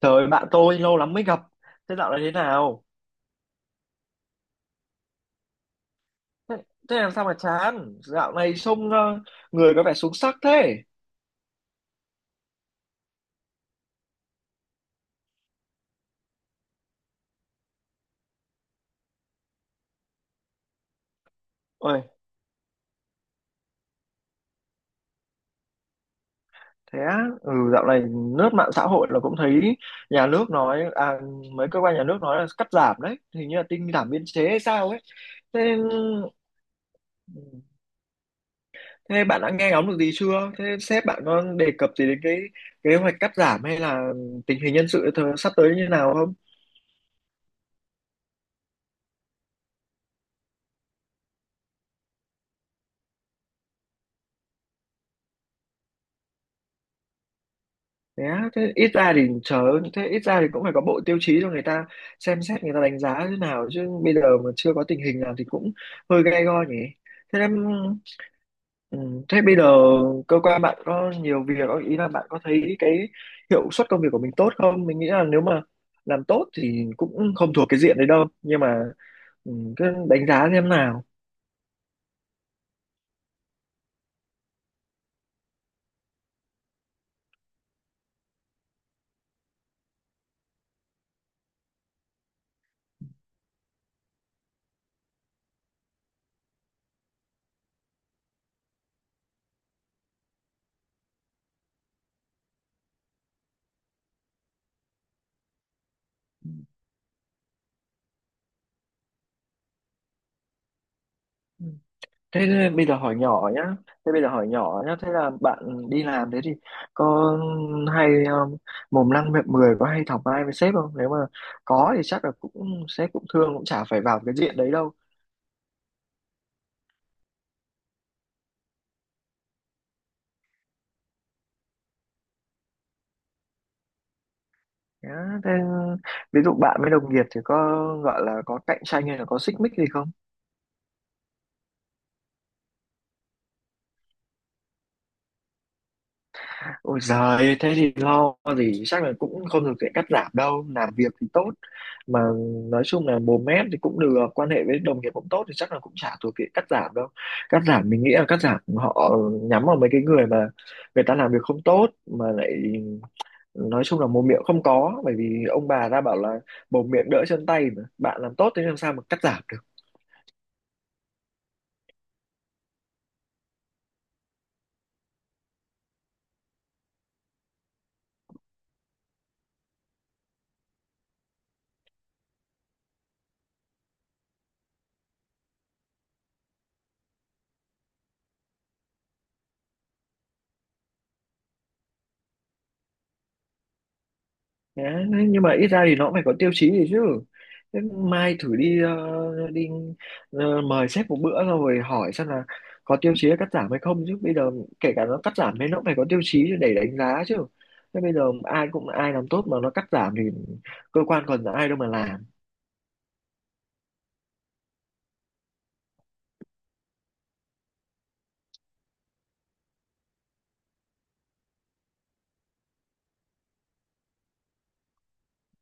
Trời bạn tôi lâu lắm mới gặp. Thế dạo này thế nào? Thế, thế làm sao mà chán? Dạo này trông người có vẻ xuống sắc thế. Ôi, thế á? Ừ, dạo này lướt mạng xã hội là cũng thấy nhà nước nói, à, mấy cơ quan nhà nước nói là cắt giảm đấy. Hình như là tinh giảm biên chế hay sao ấy. Thế, thế bạn đã nghe ngóng được gì chưa? Thế sếp bạn có đề cập gì đến cái kế hoạch cắt giảm hay là tình hình nhân sự sắp tới như nào không? Thế á, thế ít ra thì cũng phải có bộ tiêu chí cho người ta xem xét, người ta đánh giá thế nào chứ bây giờ mà chưa có tình hình nào thì cũng hơi gay go nhỉ. Thế em, ừ, thế bây giờ cơ quan bạn có nhiều việc không? Ý là bạn có thấy cái hiệu suất công việc của mình tốt không, mình nghĩ là nếu mà làm tốt thì cũng không thuộc cái diện đấy đâu, nhưng mà cứ đánh giá xem nào. Ừ. Thế bây giờ hỏi nhỏ nhá. Thế bây giờ hỏi nhỏ nhá. Thế là bạn đi làm thế thì có hay mồm năm miệng mười, có hay thọc ai với sếp không? Nếu mà có thì chắc là cũng sếp cũng thương, cũng chả phải vào cái diện đấy đâu. Nhá. Thế, ví dụ bạn với đồng nghiệp thì có gọi là có cạnh tranh hay là có xích mích gì không? Ôi giời, thế thì lo gì, chắc là cũng không được sẽ cắt giảm đâu, làm việc thì tốt, mà nói chung là mồm mép thì cũng được, quan hệ với đồng nghiệp cũng tốt thì chắc là cũng chả thuộc diện cắt giảm đâu. Cắt giảm mình nghĩ là cắt giảm họ nhắm vào mấy cái người mà người ta làm việc không tốt, mà lại nói chung là mồm miệng không có, bởi vì ông bà ta bảo là mồm miệng đỡ chân tay mà, bạn làm tốt thế làm sao mà cắt giảm. Đấy, nhưng mà ít ra thì nó cũng phải có tiêu chí gì chứ. Thế mai thử đi mời sếp một bữa xong rồi hỏi xem là có tiêu chí cắt giảm hay không chứ. Bây giờ kể cả nó cắt giảm thì nó cũng phải có tiêu chí để đánh giá chứ. Thế bây giờ ai làm tốt mà nó cắt giảm thì cơ quan còn ai đâu mà làm.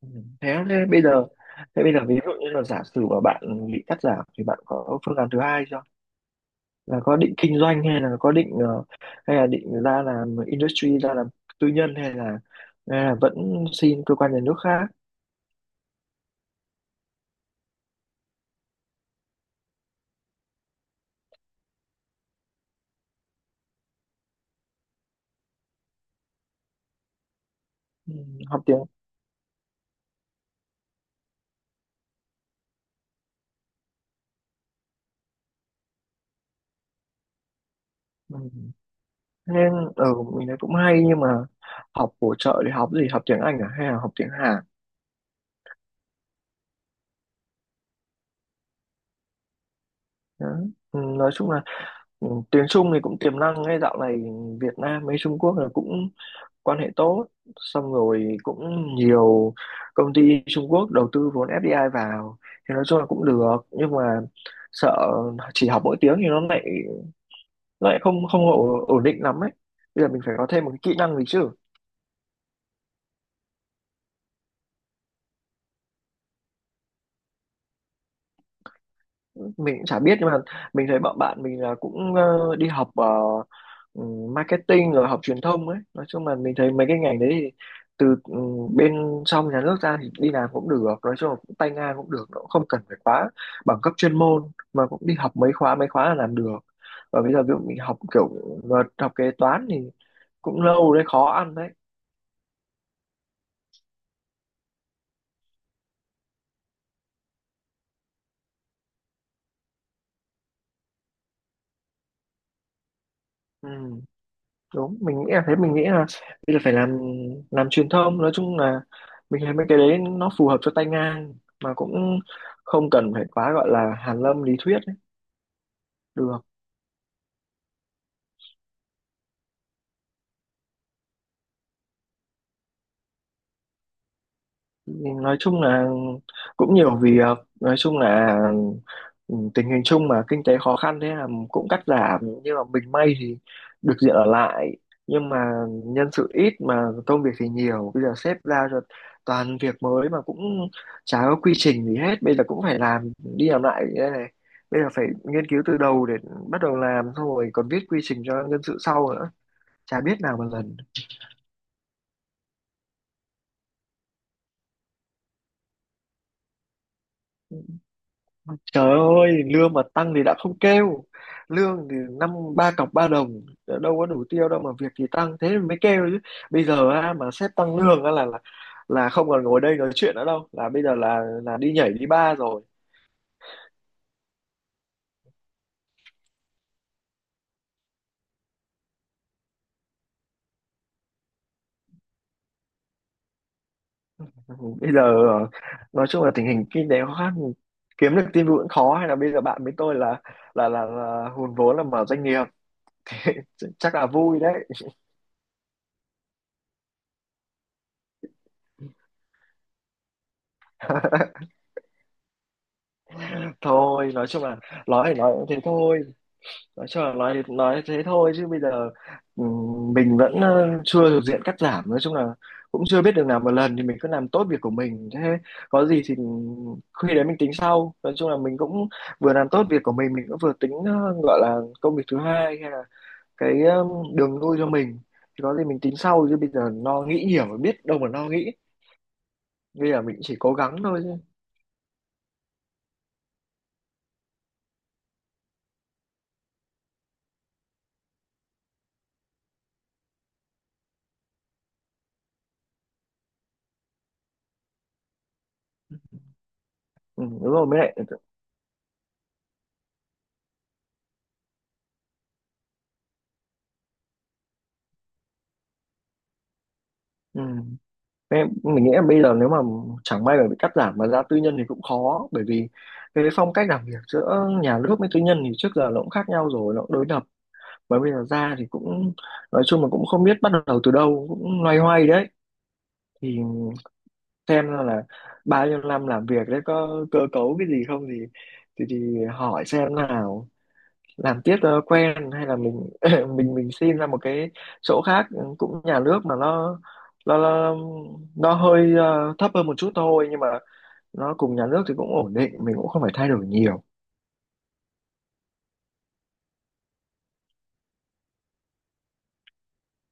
Ừ. Thế, thế bây giờ thế bây giờ ví dụ như là giả sử mà bạn bị cắt giảm thì bạn có phương án thứ hai chưa? Là có định kinh doanh hay là có định hay là định ra làm tư nhân hay là vẫn xin cơ quan nhà nước khác. Ừ, học tiếng. Ừ. Thế nên ở mình thấy cũng hay nhưng mà học bổ trợ thì học gì, học tiếng Anh à hay là học tiếng Hàn. Đó. Ừ, nói chung là tiếng Trung thì cũng tiềm năng, ngay dạo này Việt Nam với Trung Quốc là cũng quan hệ tốt, xong rồi cũng nhiều công ty Trung Quốc đầu tư vốn FDI vào thì nói chung là cũng được, nhưng mà sợ chỉ học mỗi tiếng thì nó lại không không ổ- ổn định lắm ấy, bây giờ mình phải có thêm một cái kỹ năng gì chứ. Mình cũng chả biết nhưng mà mình thấy bọn bạn mình là cũng đi học ừ, marketing rồi học truyền thông ấy, nói chung là mình thấy mấy cái ngành đấy thì từ bên trong nhà nước ra thì đi làm cũng được, nói chung là cũng tay ngang cũng được, nó cũng không cần phải quá bằng cấp chuyên môn, mà cũng đi học mấy khóa, mấy khóa là làm được. Và bây giờ ví dụ mình học kiểu luật, học kế toán thì cũng lâu đấy, khó ăn đấy. Ừ, đúng, mình nghĩ là bây giờ phải làm truyền thông, nói chung là mình thấy mấy cái đấy nó phù hợp cho tay ngang mà cũng không cần phải quá gọi là hàn lâm lý thuyết ấy. Được. Nói chung là cũng nhiều việc, nói chung là tình hình chung mà kinh tế khó khăn thế là cũng cắt giảm, nhưng mà mình may thì được diện ở lại, nhưng mà nhân sự ít mà công việc thì nhiều, bây giờ sếp giao cho toàn việc mới mà cũng chả có quy trình gì hết, bây giờ cũng phải làm đi làm lại như thế này, bây giờ phải nghiên cứu từ đầu để bắt đầu làm xong rồi còn viết quy trình cho nhân sự sau nữa, chả biết nào mà lần. Trời ơi, lương mà tăng thì đã không kêu. Lương thì năm ba cọc ba đồng, đâu có đủ tiêu đâu mà việc thì tăng thế mới kêu chứ. Bây giờ á, mà sếp tăng lương á là không còn ngồi đây nói chuyện nữa đâu, là bây giờ là đi nhảy đi bar rồi. Bây giờ ờ, nói chung là tình hình kinh tế khó khăn, kiếm được tin vui cũng khó, hay là bây giờ bạn với tôi là là hùn vốn là mở doanh nghiệp. Chắc là vui đấy. Thôi, nói chung là nói thì nói cũng thế thôi, nói cho nói thế thôi chứ bây giờ mình vẫn chưa thuộc diện cắt giảm, nói chung là cũng chưa biết được, làm một lần thì mình cứ làm tốt việc của mình, thế có gì thì khi đấy mình tính sau, nói chung là mình cũng vừa làm tốt việc của mình cũng vừa tính gọi là công việc thứ hai, hay là cái đường lui cho mình, thì có gì mình tính sau chứ bây giờ lo nghĩ nhiều mà biết đâu mà lo nghĩ, bây giờ mình chỉ cố gắng thôi chứ. Ừ, đúng rồi, mới lại. Ừ. Em, mình nghĩ là bây giờ nếu mà chẳng may mà bị cắt giảm mà ra tư nhân thì cũng khó, bởi vì cái phong cách làm việc giữa nhà nước với tư nhân thì trước giờ nó cũng khác nhau rồi, nó cũng đối lập, mà bây giờ ra thì cũng nói chung là cũng không biết bắt đầu từ đâu, cũng loay hoay đấy. Thì xem ra là bao nhiêu năm làm việc đấy có cơ cấu cái gì không thì thì hỏi xem nào, làm tiếp cho nó quen hay là mình mình xin ra một cái chỗ khác, cũng nhà nước mà nó nó, nó hơi thấp hơn một chút thôi, nhưng mà nó cùng nhà nước thì cũng ổn định, mình cũng không phải thay đổi nhiều.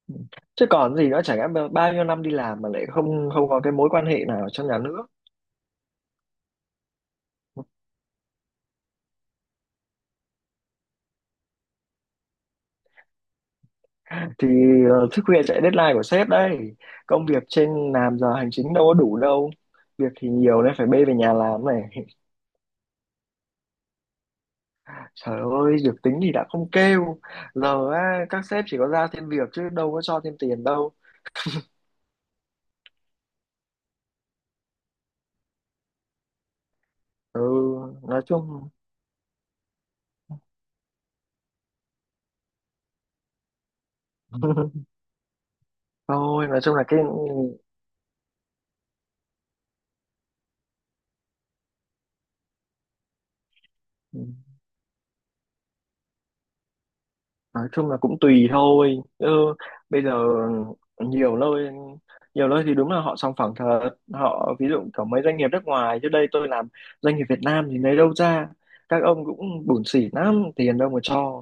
Ừ. Chứ còn gì nữa, chả lẽ mà bao nhiêu năm đi làm mà lại không không có cái mối quan hệ nào trong nhà nước. Thì thức khuya chạy deadline của sếp đấy, công việc trên làm giờ hành chính đâu có đủ đâu, việc thì nhiều nên phải bê về nhà làm này. Trời ơi, được tính thì đã không kêu. Giờ á, các sếp chỉ có giao thêm việc chứ đâu có cho thêm tiền đâu. Ừ, nói chung. Thôi, nói chung là cũng tùy thôi. Ừ, bây giờ nhiều nơi nhiều nơi thì đúng là họ sòng phẳng thật. Họ ví dụ có mấy doanh nghiệp nước ngoài chứ đây tôi làm doanh nghiệp Việt Nam thì lấy đâu ra. Các ông cũng bủn xỉn lắm, tiền đâu mà cho.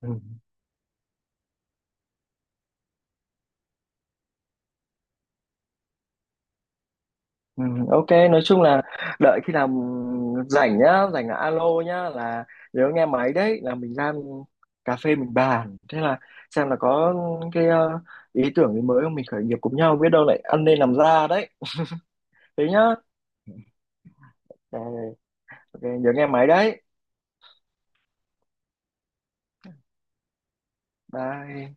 Ừ. Ừ, ok nói chung là đợi khi nào rảnh nhá, rảnh là alo nhá, là nếu nghe máy đấy là mình ra cà phê mình bàn, thế là xem là có cái ý tưởng gì mới không, mình khởi nghiệp cùng nhau biết đâu lại ăn nên làm ra đấy. Thế nhá. Ờ, ok, nhớ nghe máy đấy. Bye